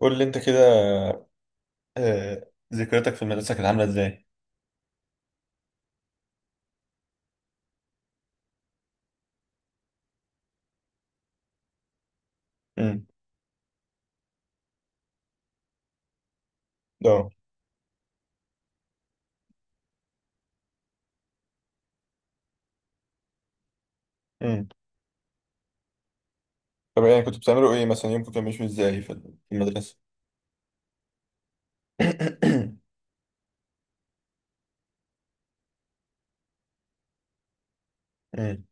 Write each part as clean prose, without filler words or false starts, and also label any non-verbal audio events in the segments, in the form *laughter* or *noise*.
قول لي انت كده. ذكرياتك في المدرسة كانت عاملة ازاي؟ امم. اه. امم. طب يعني كنتوا بتعملوا ايه مثلا؟ يومكم كان ماشي ازاي في المدرسة؟ *coughs* امم.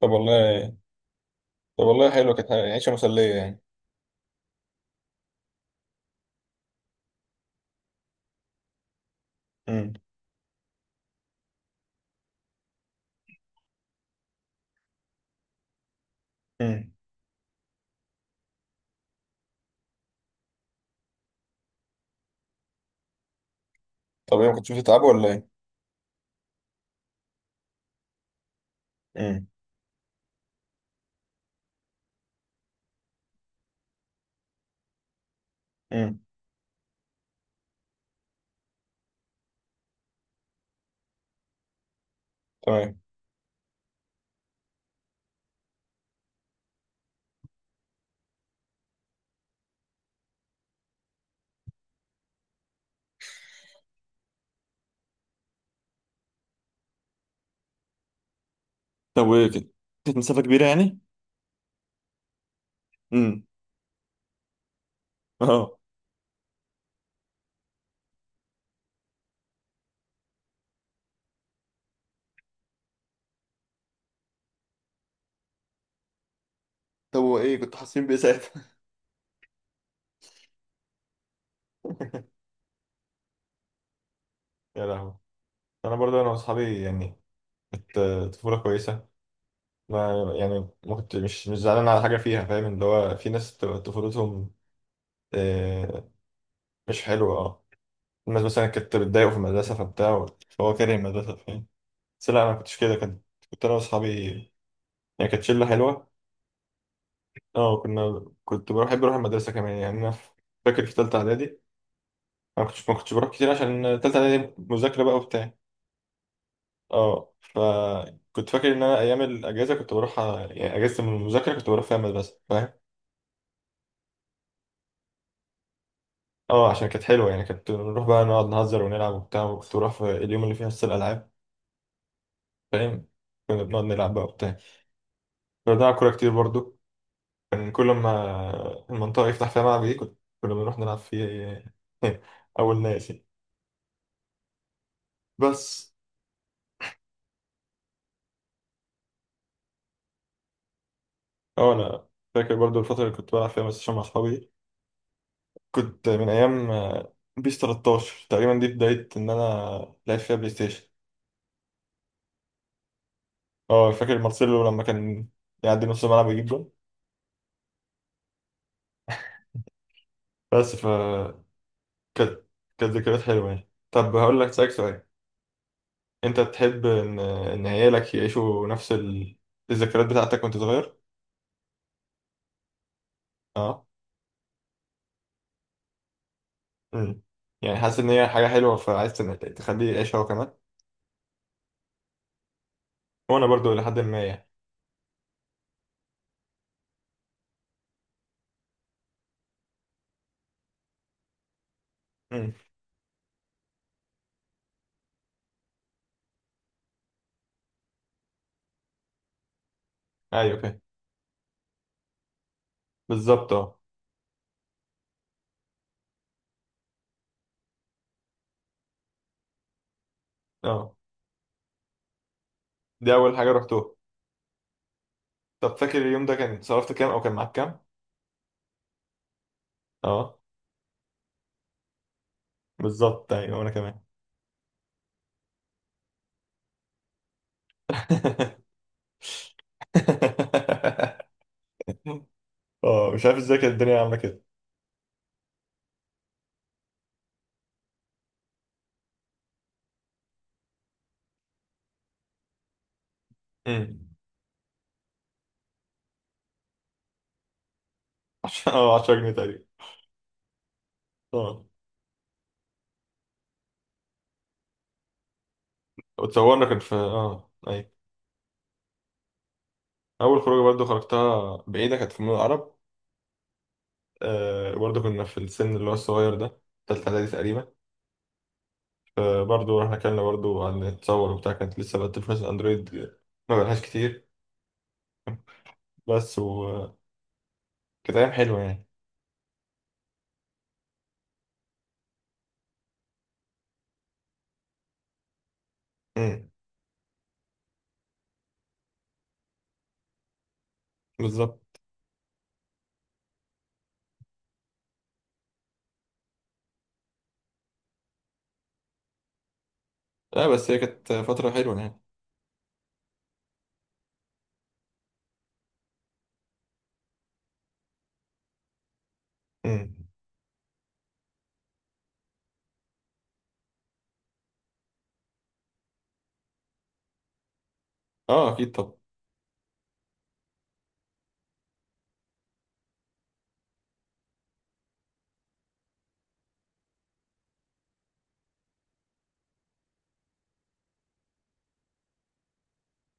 طب والله طب والله، حلوة كانت عيشة مسلية يعني. امم. امم. طب ايه، ما كنتش بتتعبوا ولا ايه؟ امم. امم. تمام. طب وايه كده؟ كانت مسافة كبيرة يعني؟ امم. *laughs* اه. طب وايه كنتوا حاسين بإيه ساعتها؟ *laughs* يا لهوي. انا برضه، انا واصحابي يعني كانت طفولة كويسة. ما يعني، ما كنت مش زعلان على حاجة فيها. فاهم اللي هو في ناس بتبقى طفولتهم آه، مش حلوة. اه الناس مثلا كانت بتضايقه في المدرسة فبتاع، فهو كاره المدرسة. فاهم، بس لا، أنا ما كنتش كده. كنت أنا وأصحابي، يعني كانت شلة حلوة. اه كنا، كنت بروح، بحب أروح المدرسة كمان يعني. أنا فاكر في تالتة إعدادي ما كنتش بروح كتير عشان تالتة إعدادي مذاكرة بقى وبتاع. اه فكنت فاكر إن أنا أيام الأجازة كنت بروح، يعني أجازة من المذاكرة كنت بروح فيها المدرسة. فاهم، اه عشان كانت حلوه يعني. كانت نروح بقى نقعد نهزر ونلعب وبتاع، وكنت بروح في اليوم اللي فيه حصه الالعاب. فاهم، كنا بنقعد نلعب بقى وبتاع. كنا بنلعب كوره كتير برضو. كان كل ما المنطقه يفتح فيها ملعب ايه، كنا بنروح نلعب فيه. *laughs* اول ناس يعني. بس اه انا فاكر برضو الفتره اللي كنت بلعب فيها بلاي ستيشن مع اصحابي. كنت من ايام بيس 13 تقريبا، دي بدايه ان انا لعبت فيها بلاي ستيشن. اه فاكر مارسيلو لما كان يعدي نص الملعب يجيب جول. بس ف كانت كانت ذكريات حلوة يعني. طب هقول لك، سألك سؤال: انت تحب ان عيالك يعيشوا نفس الذكريات بتاعتك وانت صغير؟ اه. امم. يعني حاسس ان هي حاجة حلوة فعايز تخليه يعيشها هو كمان؟ وانا برضو لحد ما يعني. امم. ايوه فاهم. بالظبط. اه. اه. دي اول حاجة رحتوها؟ طب فاكر اليوم ده كان صرفت كام، او كان معاك كام؟ اه بالظبط، ايوه، وانا كمان. *laughs* اه مش عارف ازاي كانت الدنيا عاملة كده. امم. *laughs* اه 10 جنيه تقريبا. اه اتصورنا. كان في اي، اول خروجه برضو خرجتها بعيده، كانت في مول العرب. برضو كنا في السن اللي هو الصغير ده، تالتة اعدادي تقريبا. فبرضو رحنا كلنا برضو عن نتصور وبتاع. كانت لسه بقى تليفونات اندرويد ما بقالهاش كتير بس، وكانت ايام حلوه يعني. امم. بالظبط. لا بس هي كانت فتره حلوه يعني. امم. اه اكيد. طب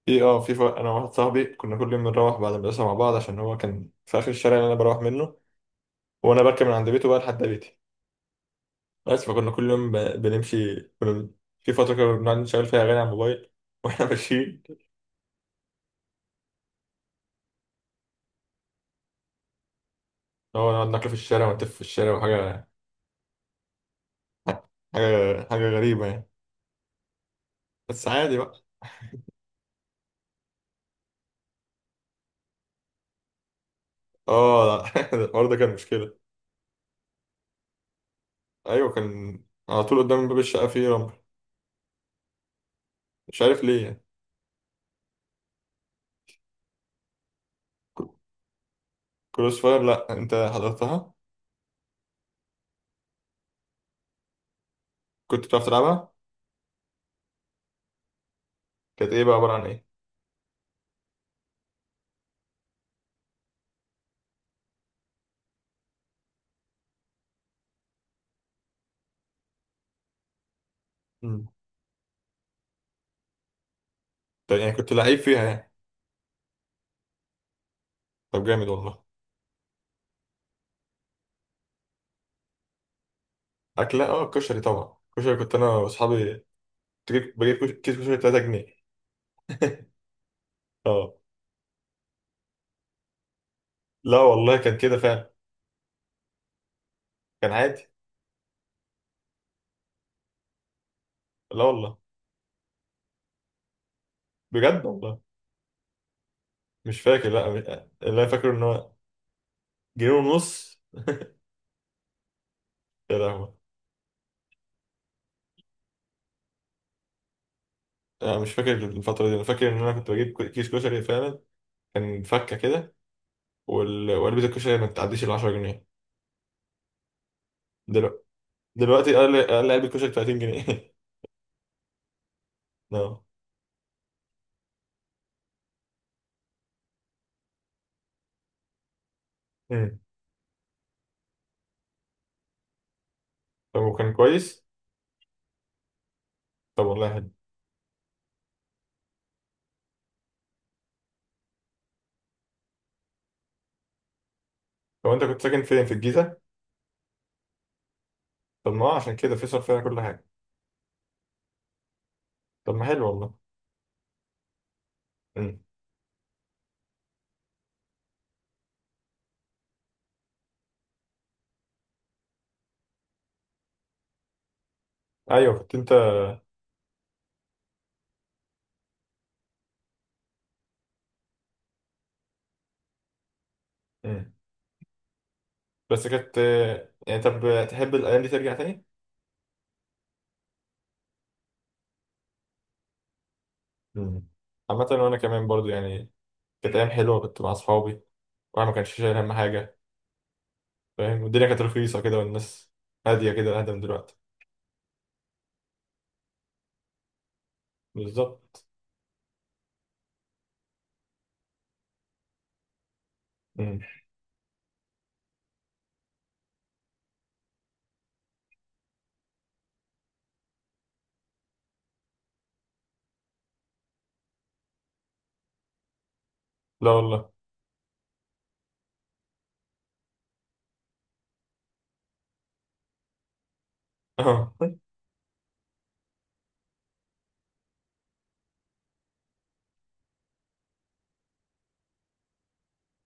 في اه في ف... انا وواحد صاحبي كنا كل يوم بنروح بعد المدرسه مع بعض، عشان هو كان في اخر الشارع اللي انا بروح منه. وانا بركب من عند بيته بقى لحد بيتي، بس. فكنا كل يوم بنمشي. في فترة كنا بنقعد نشغل فيها أغاني على الموبايل *laughs* وإحنا ماشيين. هو نقعد ناكل في الشارع ونتف في الشارع، وحاجة حاجة غريبة يعني. بس عادي بقى. اه *laughs* الحوار ده كان مشكلة. أيوة كان على طول قدام باب الشقة فيه رمل، مش عارف ليه يعني. كروس فاير؟ لأ أنت حضرتها. كنت بتعرف تلعبها؟ كانت إيه بقى، عبارة عن إيه؟ مم. طيب يعني كنت لعيب فيها يعني؟ طب جامد والله. أكلة كشري، طبعا. كشري كنت أنا وأصحابي بجيب كيس كشري 3 جنيه. *laughs* اه. لا والله كان كده فعلا. كان عادي. لا والله. بجد والله. مش فاكر لا. اللي انا فاكره ان هو جنيه ونص. يا لهوي. انا مش فاكر الفتره دي. انا فاكر ان انا كنت بجيب كيس كشري فعلا. كان فكه كده. وعلبه الكشري ما بتعديش ال 10 جنيه. دلوقتي دلوقتي اقل علبه كشري 30 جنيه. *laughs* لا. أمم. طب وكان كويس؟ طب والله حلو. طب انت كنت ساكن فين في الجيزه؟ طب ما هو عشان كده في صرف فيها كل حاجه. طب ما حلو والله. أمم. ايوه كنت انت. أمم. بس كانت يعني، طب تحب الأيام دي ترجع تاني؟ مم. عامة وأنا كمان برضو يعني. كانت أيام حلوة، كنت مع أصحابي، وأنا ما كانش شايل هم حاجة. فاهم، والدنيا كانت رخيصة كده، والناس هادية كده أهدى من دلوقتي. بالظبط. مم. لا والله. *laughs* أه.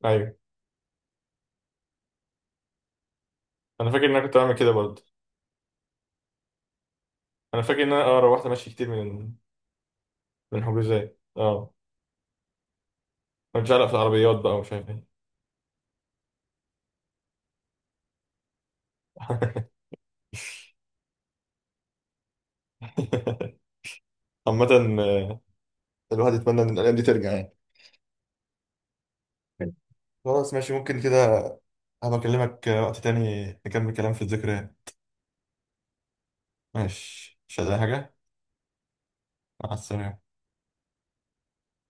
أيوه أنا فاكر إن أنا كنت بعمل كده برضه. أنا فاكر إن أنا روحت ماشي كتير من حجوزات، أه. كنت شعلق في العربيات بقى ومش عارف إيه. *laughs* عامة آه، الواحد يتمنى إن الأيام دي ترجع يعني. خلاص ماشي، ممكن كده. هبقى أكلمك وقت تاني نكمل كلام في الذكريات. ماشي، مش عايز أي حاجة. مع السلامة.